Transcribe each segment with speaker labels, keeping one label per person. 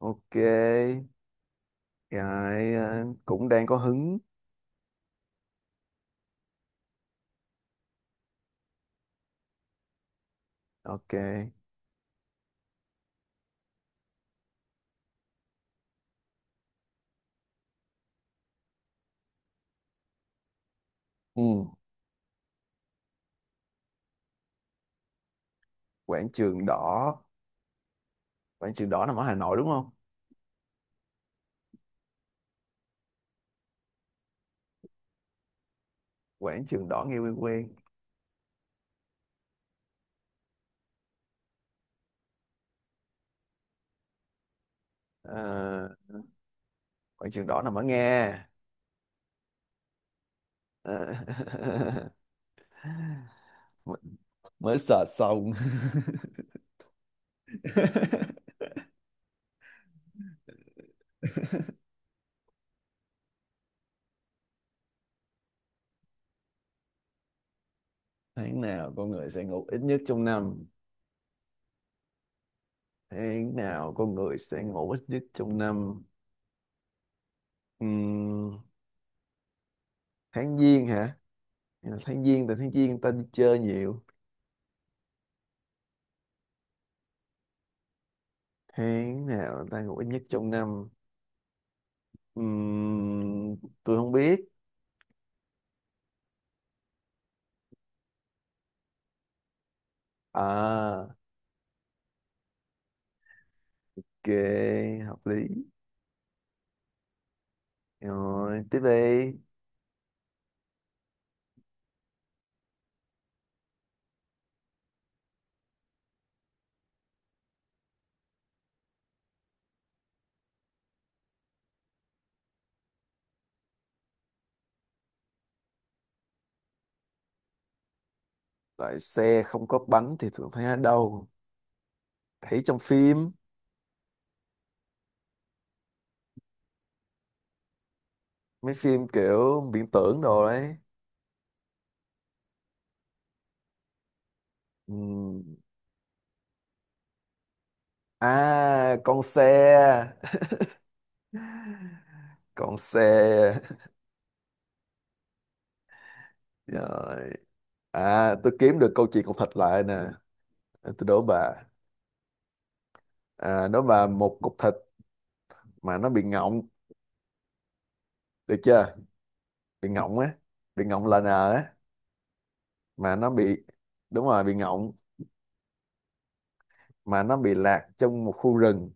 Speaker 1: Ok. Cũng đang có hứng. Ok. Ừ. Quảng trường đỏ, quảng trường đỏ nằm ở Hà Nội đúng không? Quảng trường đỏ nghe quen quen. Ờ, Quảng trường đỏ nằm ở Nga. Ờ, mới, mới search xong. Tháng nào con người sẽ ngủ ít nhất trong năm? Tháng nào con người sẽ ngủ ít nhất trong năm? Ừm, Tháng giêng hả? Tháng giêng, tại tháng giêng người ta đi chơi nhiều. Tháng nào ta ngủ ít nhất trong năm? Ừm, tôi không biết. À, ok, hợp lý. Rồi, tiếp đi. Loại xe không có bánh thì thường thấy ở đâu? Thấy trong phim, mấy phim kiểu viễn tưởng đồ đấy. Ừm. À, con xe. Con xe. Rồi. À, tôi kiếm được câu chuyện cục thịt lại nè. Tôi đố bà. À, đố bà một cục thịt mà nó bị ngọng, được chưa? Bị ngọng á, bị ngọng là nờ á, mà nó bị, đúng rồi bị ngọng, mà nó bị lạc trong một khu rừng,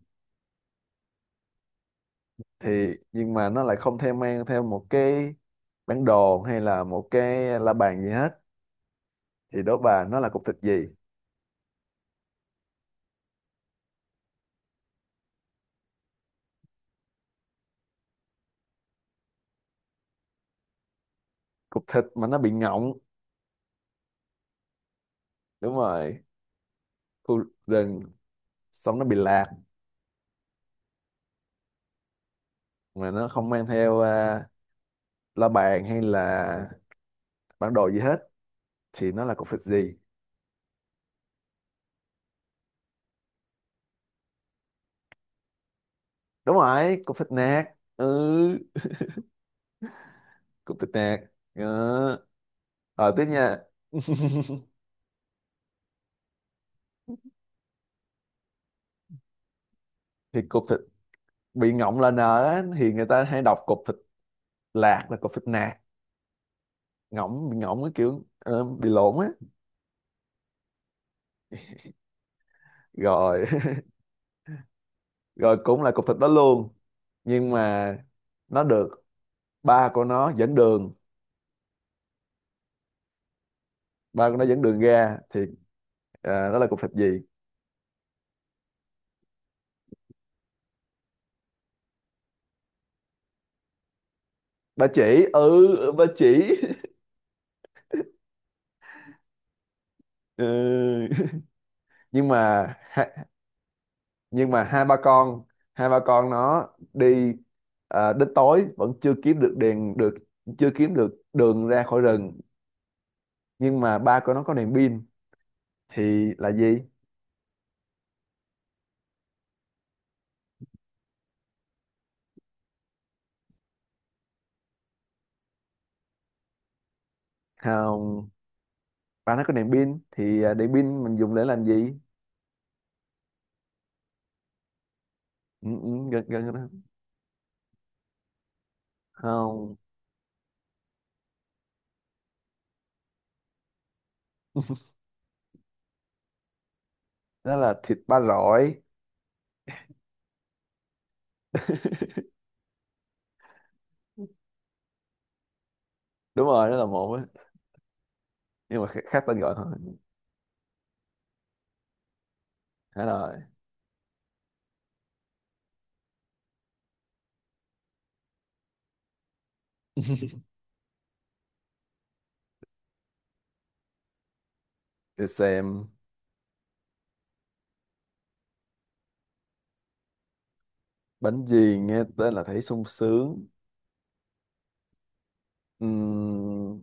Speaker 1: thì nhưng mà nó lại không theo mang theo một cái bản đồ hay là một cái la bàn gì hết, thì đố bà nó là cục thịt gì. Cục thịt mà nó bị ngọng. Đúng rồi. Khu rừng, xong nó bị lạc, mà nó không mang theo à, la bàn hay là bản đồ gì hết, thì nó là cục thịt gì. Đúng rồi, cục thịt nạc. Ừ, cục thịt nạc. Ờ. Ờ, tiếp nha. Thì cục thịt bị ngọng là n á, thì người ta hay đọc cục thịt lạc là cục thịt nạc, ngọng bị ngọng cái kiểu bị lộn á. Rồi. Rồi, cũng là cục thịt đó luôn, nhưng mà nó được ba của nó dẫn đường. Ba của nó dẫn đường ra thì à, đó là cục thịt gì? Ba chỉ, ừ ba chỉ. Ừ. Nhưng mà, nhưng mà hai ba con, hai ba con nó đi ờ, đến tối vẫn chưa kiếm được đèn được, chưa kiếm được đường ra khỏi rừng, nhưng mà ba của nó có đèn pin thì là gì? Không. Ba nó có đèn pin thì đèn pin mình dùng để làm gì? Ừ, ừ, gần gần cái đó. Không. Đó là thịt ba rọi. Đúng rồi đó là một á, nhưng mà khác, khác tên gọi thôi. Hết rồi. Để xem. Bánh gì nghe tên là thấy sung sướng? Ừm,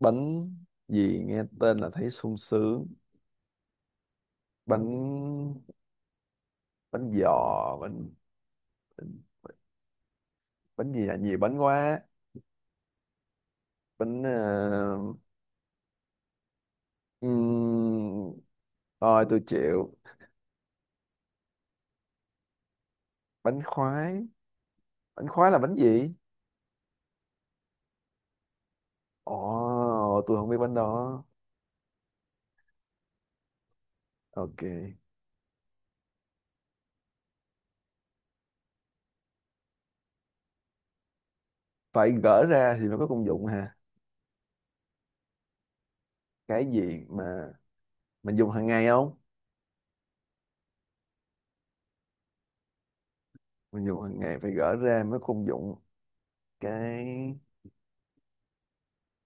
Speaker 1: bánh gì nghe tên là thấy sung sướng? Bánh, bánh giò, bánh, bánh gì là nhiều bánh quá. Bánh ừm, thôi tôi chịu. Bánh khoái? Bánh khoái là bánh gì? Ồ, tôi không biết bánh đó. Ok. Phải gỡ ra thì mới có công dụng ha cái gì mà mình dùng hàng ngày không? Mình dùng hàng ngày phải gỡ ra mới có công dụng. cái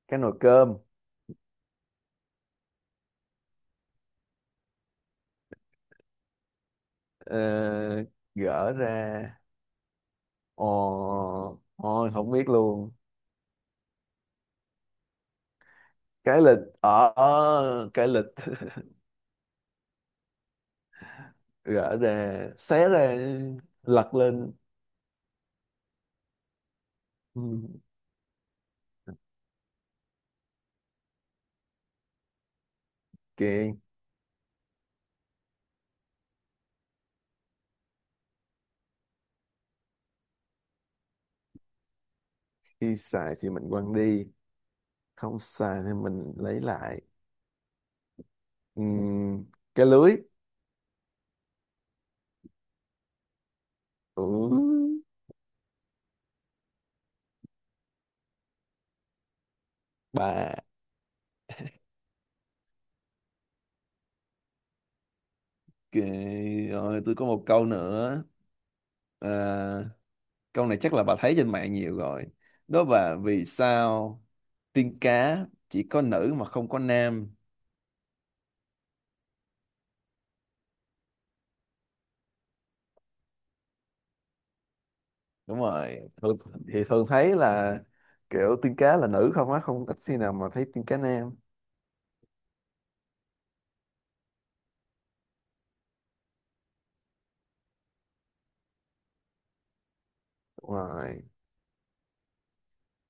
Speaker 1: cái nồi cơm. Ờ, gỡ ra. Ồ, ôi không biết luôn. Cái lịch, ở ở cái lịch. Gỡ ra, xé ra, lật lên. Ừ. Ok. Khi xài thì mình quăng đi, không xài thì mình lấy lại. Ừm, cái lưới. Ừ. Bà. Ok, rồi tôi có một câu nữa. À, câu này chắc là bà thấy trên mạng nhiều rồi. Đó là vì sao tiên cá chỉ có nữ mà không có nam? Đúng rồi, thường, thì thường thấy là kiểu tiên cá là nữ không á, không ít khi nào mà thấy tiên cá nam. Đúng rồi,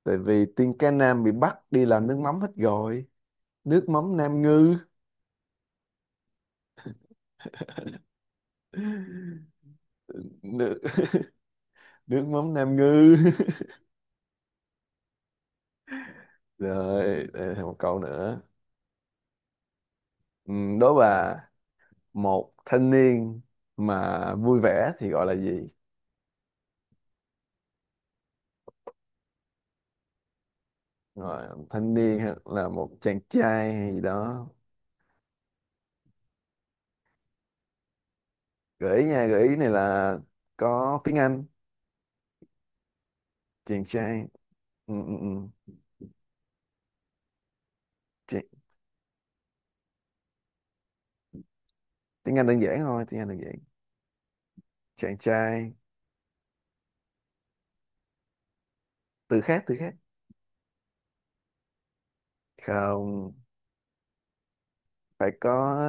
Speaker 1: tại vì tiên cá nam bị bắt đi làm nước mắm hết rồi, nước mắm Nam Ngư. Nước, nước mắm Nam Ngư. Rồi đây là một câu nữa. Ừ, đố bà một thanh niên mà vui vẻ thì gọi là gì? Rồi, một thanh niên hay là một chàng trai hay gì đó. Gợi ý nha, gợi ý này là có tiếng Anh. Chàng trai. Ừ, ừ, ừ. Chị- tiếng Anh đơn giản thôi, tiếng Anh đơn giản. Chàng trai. Từ khác, từ khác. Không. Phải có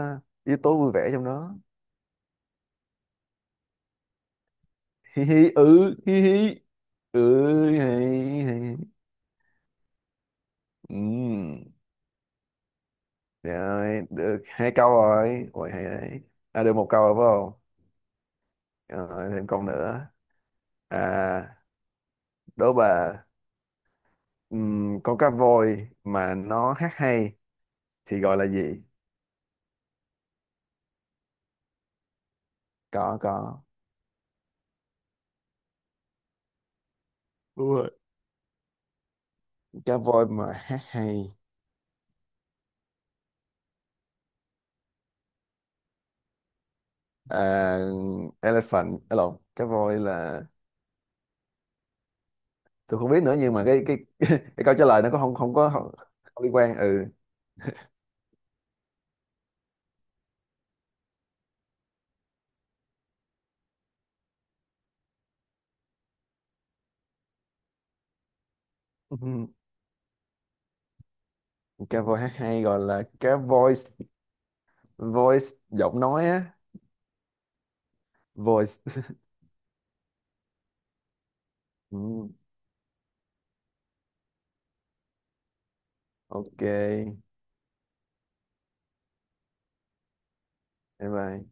Speaker 1: yếu tố vui vẻ trong đó. Hi hi, ừ. Hi hi. Ừ. Hi hi. Ừ. Rồi được hai câu rồi. Ôi, hay đấy. À, được một câu rồi phải không? Rồi, thêm câu nữa. À, đố bà. Ừm, con cá voi mà nó hát hay thì gọi là gì? Có có. Đúng rồi, cá voi mà hát hay. À, elephant à, lộn, cái voi là, tôi không biết nữa, nhưng mà cái cái câu trả lời nó có không? Không có không, không liên quan ừ. Ừm, cá voi hát hay gọi là cá voice, voice giọng nói á. Voice. Ừ, ok. Bye bye.